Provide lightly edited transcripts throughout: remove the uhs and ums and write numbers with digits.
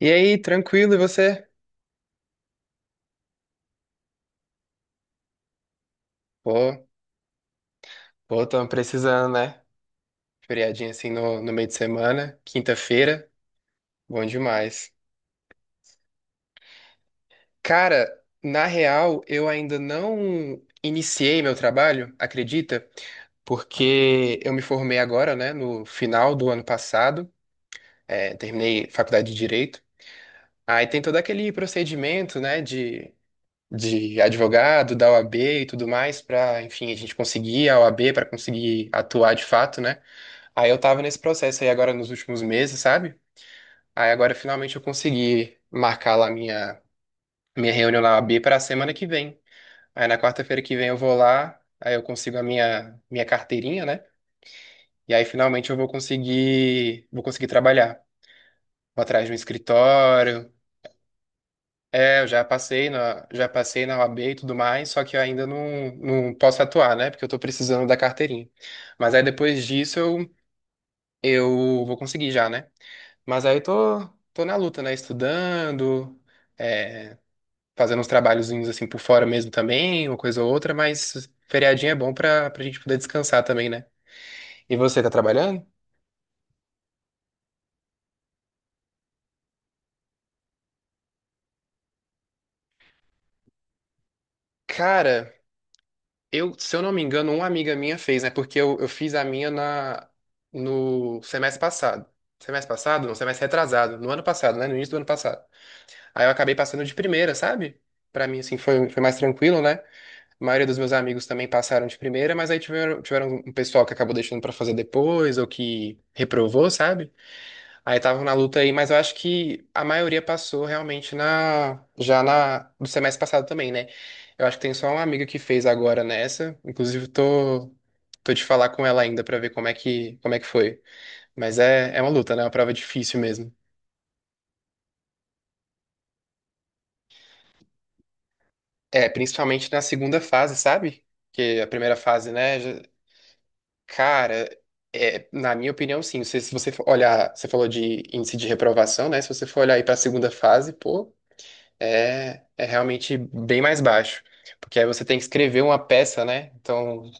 E aí, tranquilo, e você? Pô, pô, tamo precisando, né? Feriadinha assim no meio de semana, quinta-feira, bom demais. Cara, na real, eu ainda não iniciei meu trabalho, acredita? Porque eu me formei agora, né, no final do ano passado, terminei faculdade de Direito. Aí tem todo aquele procedimento, né, de advogado, da OAB e tudo mais, pra, enfim, a gente conseguir a OAB, pra conseguir atuar de fato, né? Aí eu tava nesse processo aí agora nos últimos meses, sabe? Aí agora finalmente eu consegui marcar lá minha reunião na O A B para a semana que vem. Aí na quarta-feira que vem eu vou lá, aí eu consigo a minha carteirinha, né? E aí finalmente eu vou conseguir trabalhar. Vou atrás de um escritório. É, eu já passei já passei na O A B e tudo mais, só que eu ainda não posso atuar, né? Porque eu tô precisando da carteirinha. Mas aí depois disso eu vou conseguir já, né? Mas aí tô na luta, né? Estudando, é, fazendo uns trabalhozinhos assim por fora mesmo também, uma coisa ou outra, mas feriadinho é bom pra gente poder descansar também, né? E você tá trabalhando? Cara, eu, se eu não me engano, uma amiga minha fez, né? Porque eu fiz a minha no semestre passado. Semestre passado? Não, semestre retrasado. No ano passado, né? No início do ano passado. Aí eu acabei passando de primeira, sabe? Pra mim, assim, foi mais tranquilo, né? A maioria dos meus amigos também passaram de primeira, mas aí tiveram um pessoal que acabou deixando pra fazer depois ou que reprovou, sabe? Aí estavam na luta aí, mas eu acho que a maioria passou realmente na já na do semestre passado também, né? Eu acho que tem só uma amiga que fez agora nessa, inclusive tô de falar com ela ainda pra ver como é que foi. Mas é uma luta, né? É uma prova difícil mesmo. É, principalmente na segunda fase, sabe? Porque a primeira fase, né, já- Cara, é, na minha opinião, sim. Se você for olhar, você falou de índice de reprovação, né? Se você for olhar aí para a segunda fase, pô, é realmente bem mais baixo. Porque aí você tem que escrever uma peça, né? Então,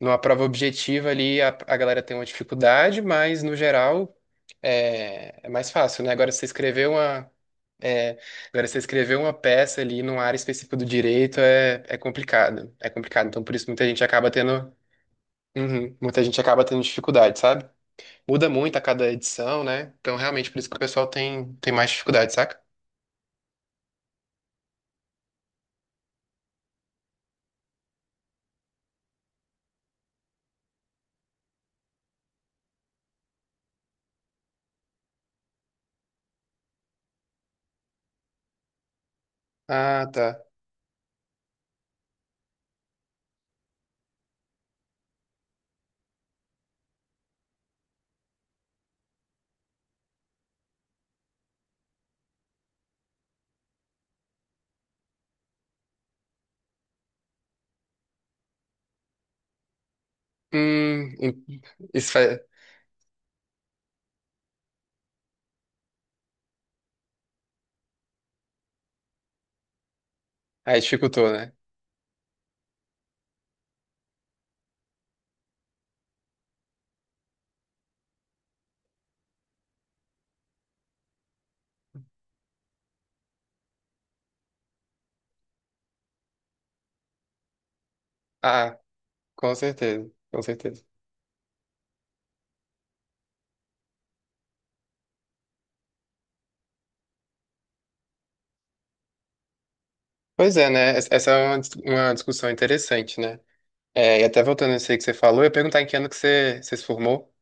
numa prova objetiva ali, a galera tem uma dificuldade, mas no geral é mais fácil, né? Agora, se você escrever uma. É, agora, se você escrever uma peça ali numa área específica do direito é complicado. É complicado. Então, por isso, muita gente acaba tendo uhum. Muita gente acaba tendo dificuldade, sabe? Muda muito a cada edição, né? Então, realmente, por isso que o pessoal tem mais dificuldade, saca? Ah, tá. Hum, hum, isso faz... Aí dificultou, né? Ah, com certeza. Pois é, né? Essa é uma, dis- uma discussão interessante, né? É, e até voltando a isso aí que você falou, eu ia perguntar em que ano que você se formou?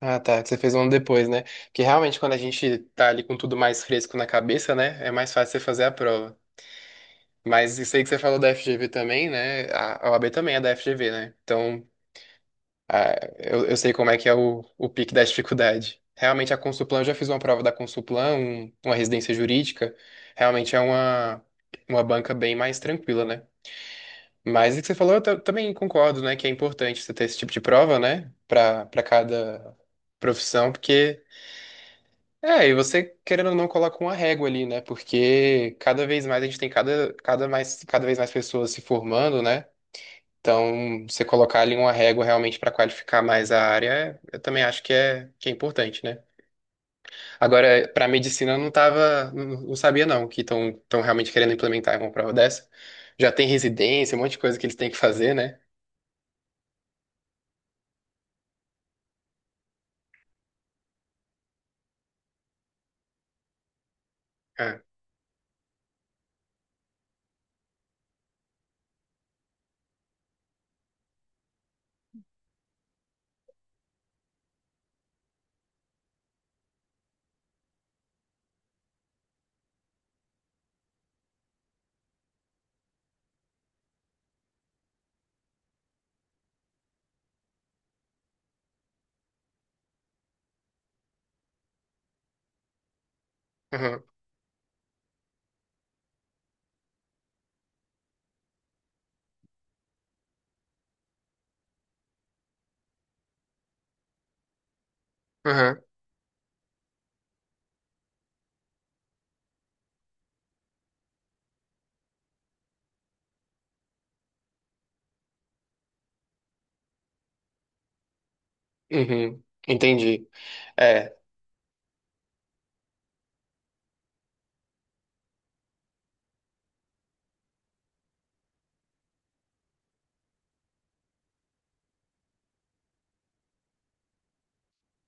Ah, tá, que você fez um ano depois, né? Porque realmente quando a gente tá ali com tudo mais fresco na cabeça, né? É mais fácil você fazer a prova. Mas isso aí que você falou da FGV também, né? A OAB também é da FGV, né? Então, a- eu sei como é que é o pique da dificuldade. Realmente, a Consulplan, eu já fiz uma prova da Consulplan, um- uma residência jurídica. Realmente é uma banca bem mais tranquila, né? Mas o que você falou, eu ta- também concordo, né? Que é importante você ter esse tipo de prova, né? Para cada profissão, porque. É, e você, querendo ou não, coloca uma régua ali, né? Porque cada vez mais a gente tem cada vez mais pessoas se formando, né? Então, você colocar ali uma régua realmente para qualificar mais a área, eu também acho que que é importante, né? Agora, para medicina, eu não tava, não sabia não que estão realmente querendo implementar uma prova dessa. Já tem residência, um monte de coisa que eles têm que fazer, né? É. Uhum, uhum, uhum. Entendi. É,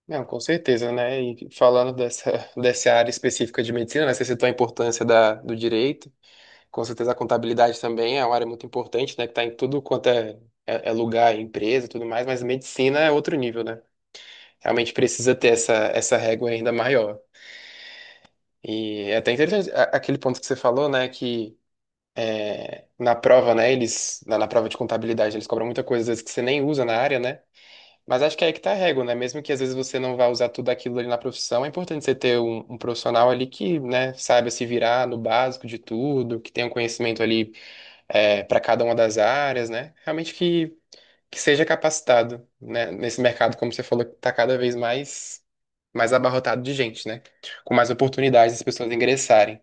não, com certeza, né? E falando dessa, dessa área específica de medicina, né? Você citou a importância da, do direito. Com certeza a contabilidade também é uma área muito importante, né? Que está em tudo quanto é lugar, é empresa, e tudo mais, mas medicina é outro nível, né? Realmente precisa ter essa régua ainda maior. E é até interessante a- aquele ponto que você falou, né? Que é, na prova, né? Eles, na prova de contabilidade, eles cobram muita coisa, às vezes, que você nem usa na área, né? Mas acho que é aí que tá a régua, né? Mesmo que às vezes você não vá usar tudo aquilo ali na profissão, é importante você ter um profissional ali que, né, saiba se virar no básico de tudo, que tenha um conhecimento ali para cada uma das áreas, né? Realmente que seja capacitado, né? Nesse mercado, como você falou, que está mais abarrotado de gente, né? Com mais oportunidades das pessoas ingressarem.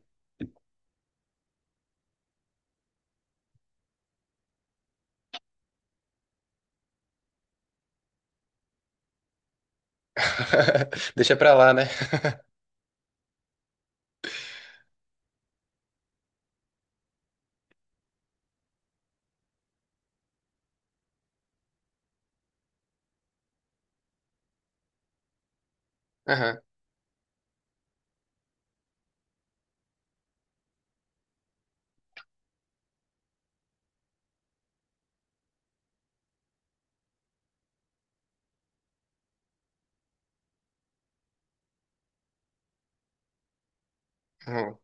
Deixa pra lá, né? Aham. Uhum.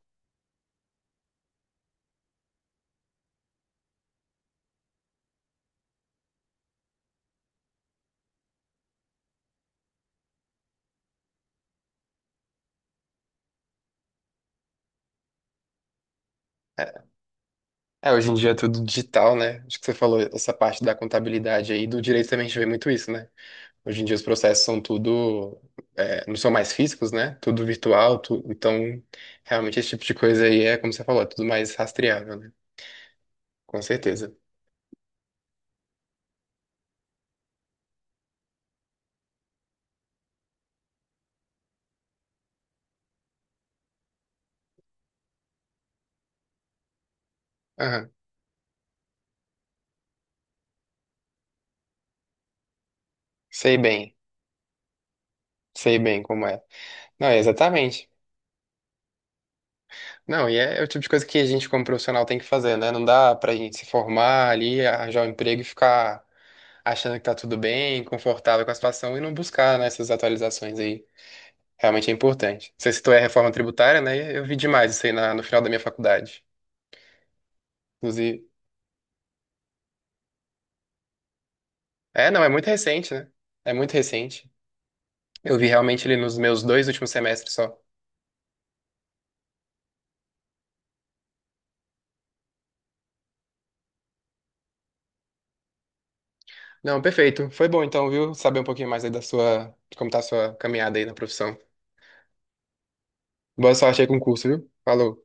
É, hoje em dia é tudo digital, né? Acho que você falou essa parte da contabilidade aí, do direito também a gente vê muito isso, né? Hoje em dia os processos são tudo, não são mais físicos, né? Tudo virtual, tu- então realmente esse tipo de coisa aí é, como você falou, é tudo mais rastreável, né? Com certeza. Aham. Sei bem, sei bem como é. Não, é exatamente. Não, e é o tipo de coisa que a gente como profissional tem que fazer, né? Não dá pra gente se formar ali, arranjar um emprego e ficar achando que tá tudo bem, confortável com a situação e não buscar, né, essas atualizações aí. Realmente é importante. Você citou a reforma tributária, né? Eu vi demais isso aí na- no final da minha faculdade. Inclusive. É, não, é muito recente, né? É muito recente. Eu vi realmente ele nos meus dois últimos semestres só. Não, perfeito. Foi bom então, viu? Saber um pouquinho mais aí da sua, de como tá a sua caminhada aí na profissão. Boa sorte aí com o curso, viu? Falou.